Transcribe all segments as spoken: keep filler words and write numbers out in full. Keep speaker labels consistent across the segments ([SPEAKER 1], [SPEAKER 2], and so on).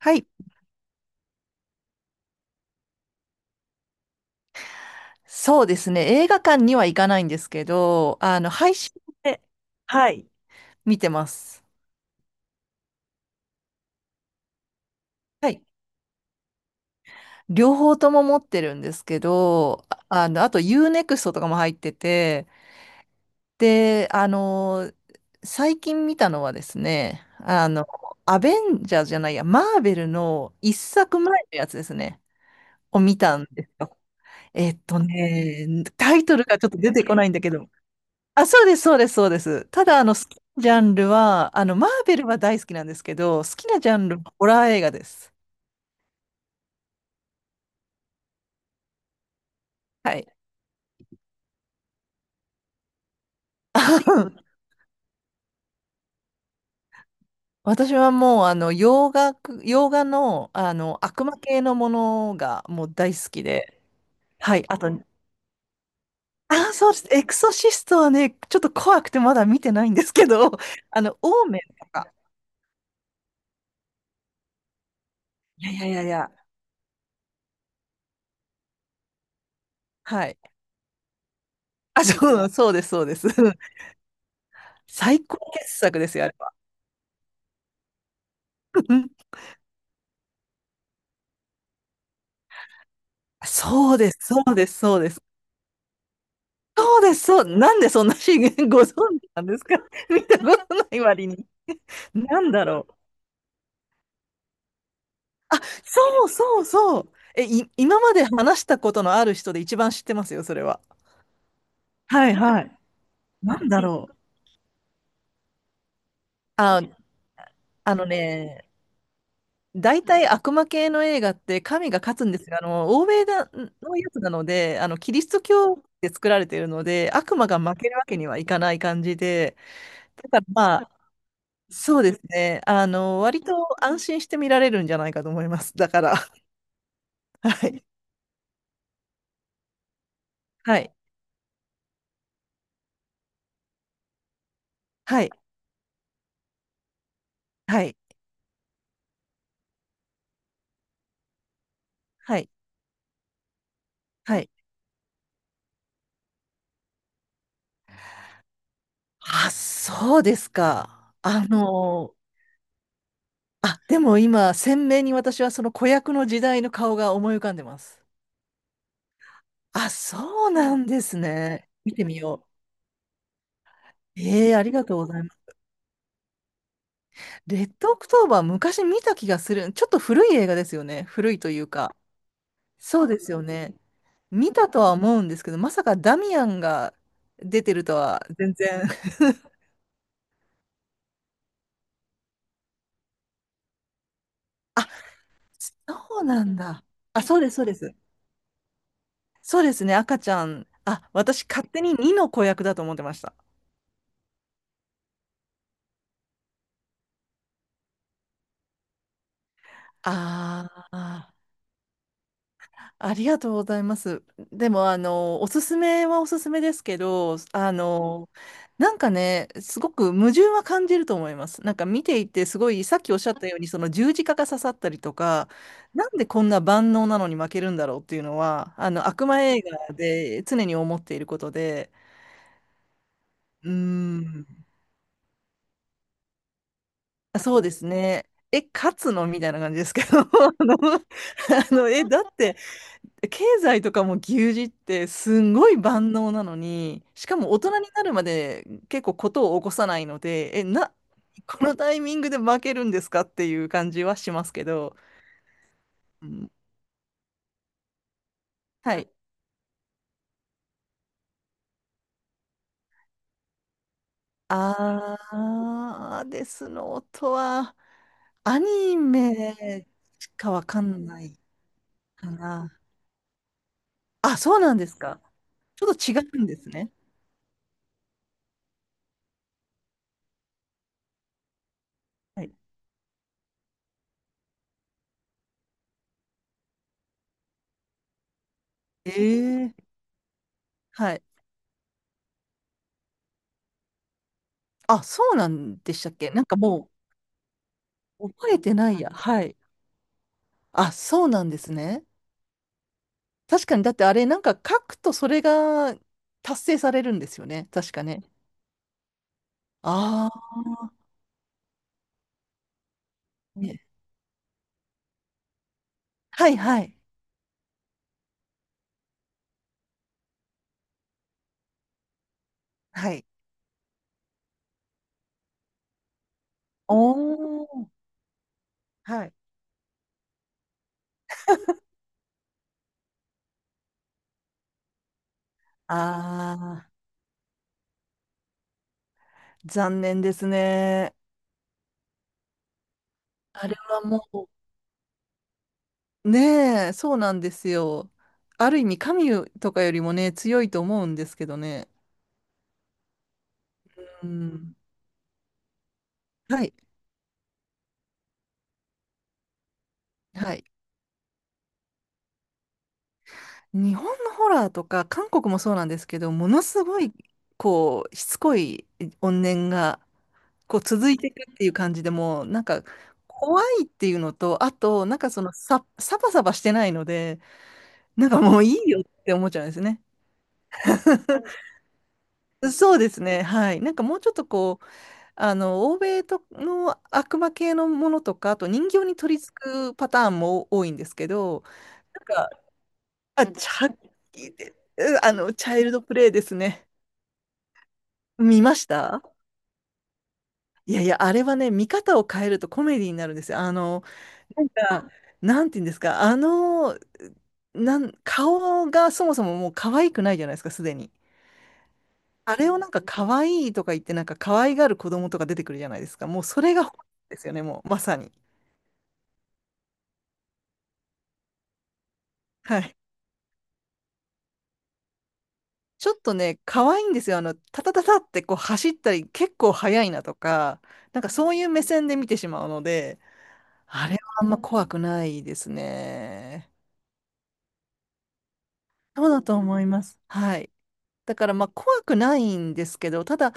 [SPEAKER 1] はい。そうですね。映画館には行かないんですけど、あの、配信で、はい、見てます。はい。両方とも持ってるんですけど、ああの、あと u ネクストとかも入ってて、で、あの、最近見たのはですね、あの、アベンジャーじゃないや、マーベルの一作前のやつですね、を見たんですよ。えっとね、タイトルがちょっと出てこないんだけど、あ、そうです、そうです、そうです。ただ、あの、好きなジャンルは、あの、マーベルは大好きなんですけど、好きなジャンルはホラー映画です。はい。私はもう、あの、洋画、洋画の、あの、悪魔系のものがもう大好きで、はい。あと、あ、そうです。エクソシストはね、ちょっと怖くてまだ見てないんですけど、あの、オーメンとか。いやいやいやいや、はい。あ、そう、そうです、そうです。最高傑作ですよ、あれは。そうです、そうです、そうです。そうです、そう、なんでそんな資源ご存知なんですか？ 見たことない割に。なんだろう。そうそうそう。え、い、今まで話したことのある人で一番知ってますよ、それは。はいはい。なんだろう。あ、あのね、大体悪魔系の映画って神が勝つんですが、あの、欧米だのやつなので、あの、キリスト教で作られているので、悪魔が負けるわけにはいかない感じで、だからまあ、そうですね。あの、割と安心して見られるんじゃないかと思います。だから、はい。はい。はい。はい。はい。はい。あ、そうですか。あの、あ、でも今、鮮明に私はその子役の時代の顔が思い浮かんでます。あ、そうなんですね。見てみよう。ええ、ありがとうございます。レッドオクトーバー、昔見た気がする。ちょっと古い映画ですよね。古いというか。そうですよね。見たとは思うんですけど、まさかダミアンが出てるとは全然。あ、そうなんだ。あ、そうです、そうです。そうですね、赤ちゃん。あ、私勝手ににの子役だと思ってました。ああ。ありがとうございます。でも、あの、おすすめはおすすめですけど、あの、なんかね、すごく矛盾は感じると思います。なんか見ていて、すごい、さっきおっしゃったように、その十字架が刺さったりとか、なんでこんな万能なのに負けるんだろうっていうのは、あの、悪魔映画で常に思っていることで、うーん、そうですね。え、勝つのみたいな感じですけど、あの、あの、え、だって、経済とかも牛耳ってすんごい万能なのに、しかも大人になるまで結構ことを起こさないので、え、な、このタイミングで負けるんですかっていう感じはしますけど、うん、はい。あーですの音は、アニメしかわかんないかな。あ、そうなんですか。ちょっと違うんですね。はい。えー、はい。あ、そうなんでしたっけ、なんかもう覚えてないや。はい。あ、そうなんですね。確かに、だってあれ、なんか書くとそれが達成されるんですよね。確かね。ああ、ね。はいはい。はい。おー。はい。ああ、残念ですね。あれはもう、ねえ、そうなんですよ。ある意味、神とかよりもね、強いと思うんですけどね。うん。はい。はい。日本のホラーとか、韓国もそうなんですけど、ものすごい、こう、しつこい怨念が、こう続いていくっていう感じでもうなんか怖いっていうのと、あとなんかそのさサバサバしてないのでなんかもういいよって思っちゃうんですね。そうですね、はい。なんかもうちょっとこう、あの、欧米との悪魔系のものとか、あと人形に取り付くパターンも多いんですけど、なんか、あ、ちゃ、うあの、チャイルドプレイですね。見ました。いやいや、あれはね、見方を変えるとコメディになるんですよ。あの、なんか、なんて言うんですか、あの、なん、顔がそもそももう可愛くないじゃないですか、すでに。あれをなんか可愛いとか言って、なんか可愛がる子供とか出てくるじゃないですか。もうそれが本ですよね、もうまさに。はい。ちょっとね、可愛いんですよ。あの、タタタタってこう走ったり、結構速いなとか、なんかそういう目線で見てしまうので、あれはあんま怖くないですね。そうだと思います。はい。だからまあ怖くないんですけど、ただ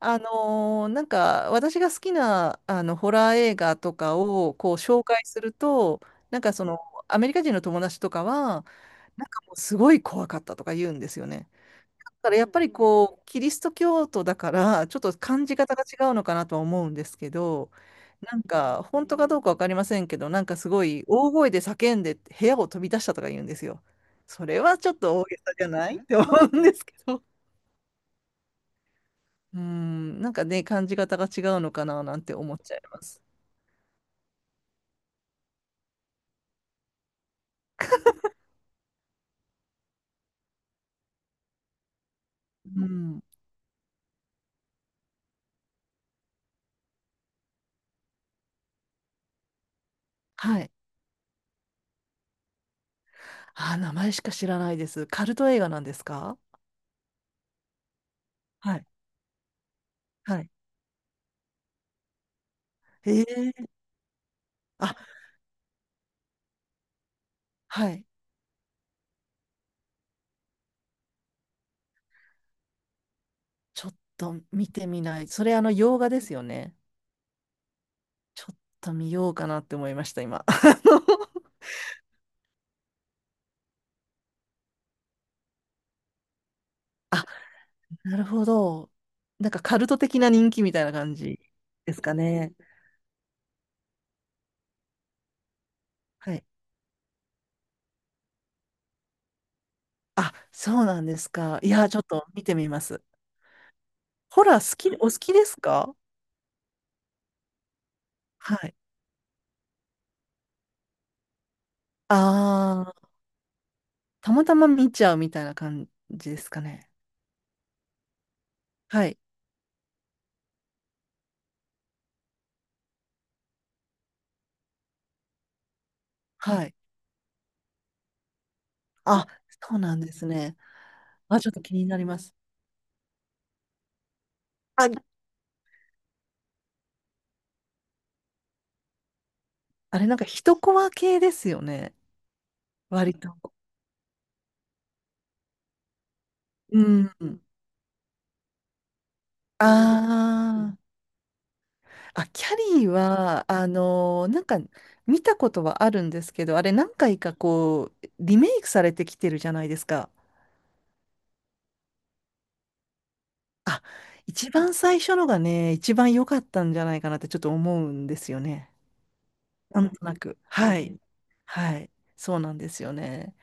[SPEAKER 1] あのーなんか私が好きなあのホラー映画とかをこう紹介するとなんかそのアメリカ人の友達とかはなんかもうすごい怖かったとか言うんですよね。だからやっぱりこうキリスト教徒だからちょっと感じ方が違うのかなとは思うんですけど、なんか本当かどうか分かりませんけど、なんかすごい大声で叫んで部屋を飛び出したとか言うんですよ。それはちょっと大げさじゃないって思うんですけど。うん、なんかね、感じ方が違うのかななんて思っちゃいます。うん。はい。あー、名前しか知らないです。カルト映画なんですか？はい。はい。ええ、あ、はい。ちょっと見てみない。それ、あの、洋画ですよね。ちょっと見ようかなって思いました、今。あのあなるほど。なんかカルト的な人気みたいな感じですかね。はい。あ、そうなんですか。いや、ちょっと見てみます。ホラー好き、お好きですか？はい。ああ。たまたま見ちゃうみたいな感じですかね。はい。はい。あ、そうなんですね。あ、ちょっと気になります。あ、あれなんか一コマ系ですよね。割と。うん。あー、あ、キャリーは、あのーなんか見たことはあるんですけど、あれ何回かこう、リメイクされてきてるじゃないですか。あ、一番最初のがね、一番良かったんじゃないかなってちょっと思うんですよね。なんとなく。はい。はい。そうなんですよね。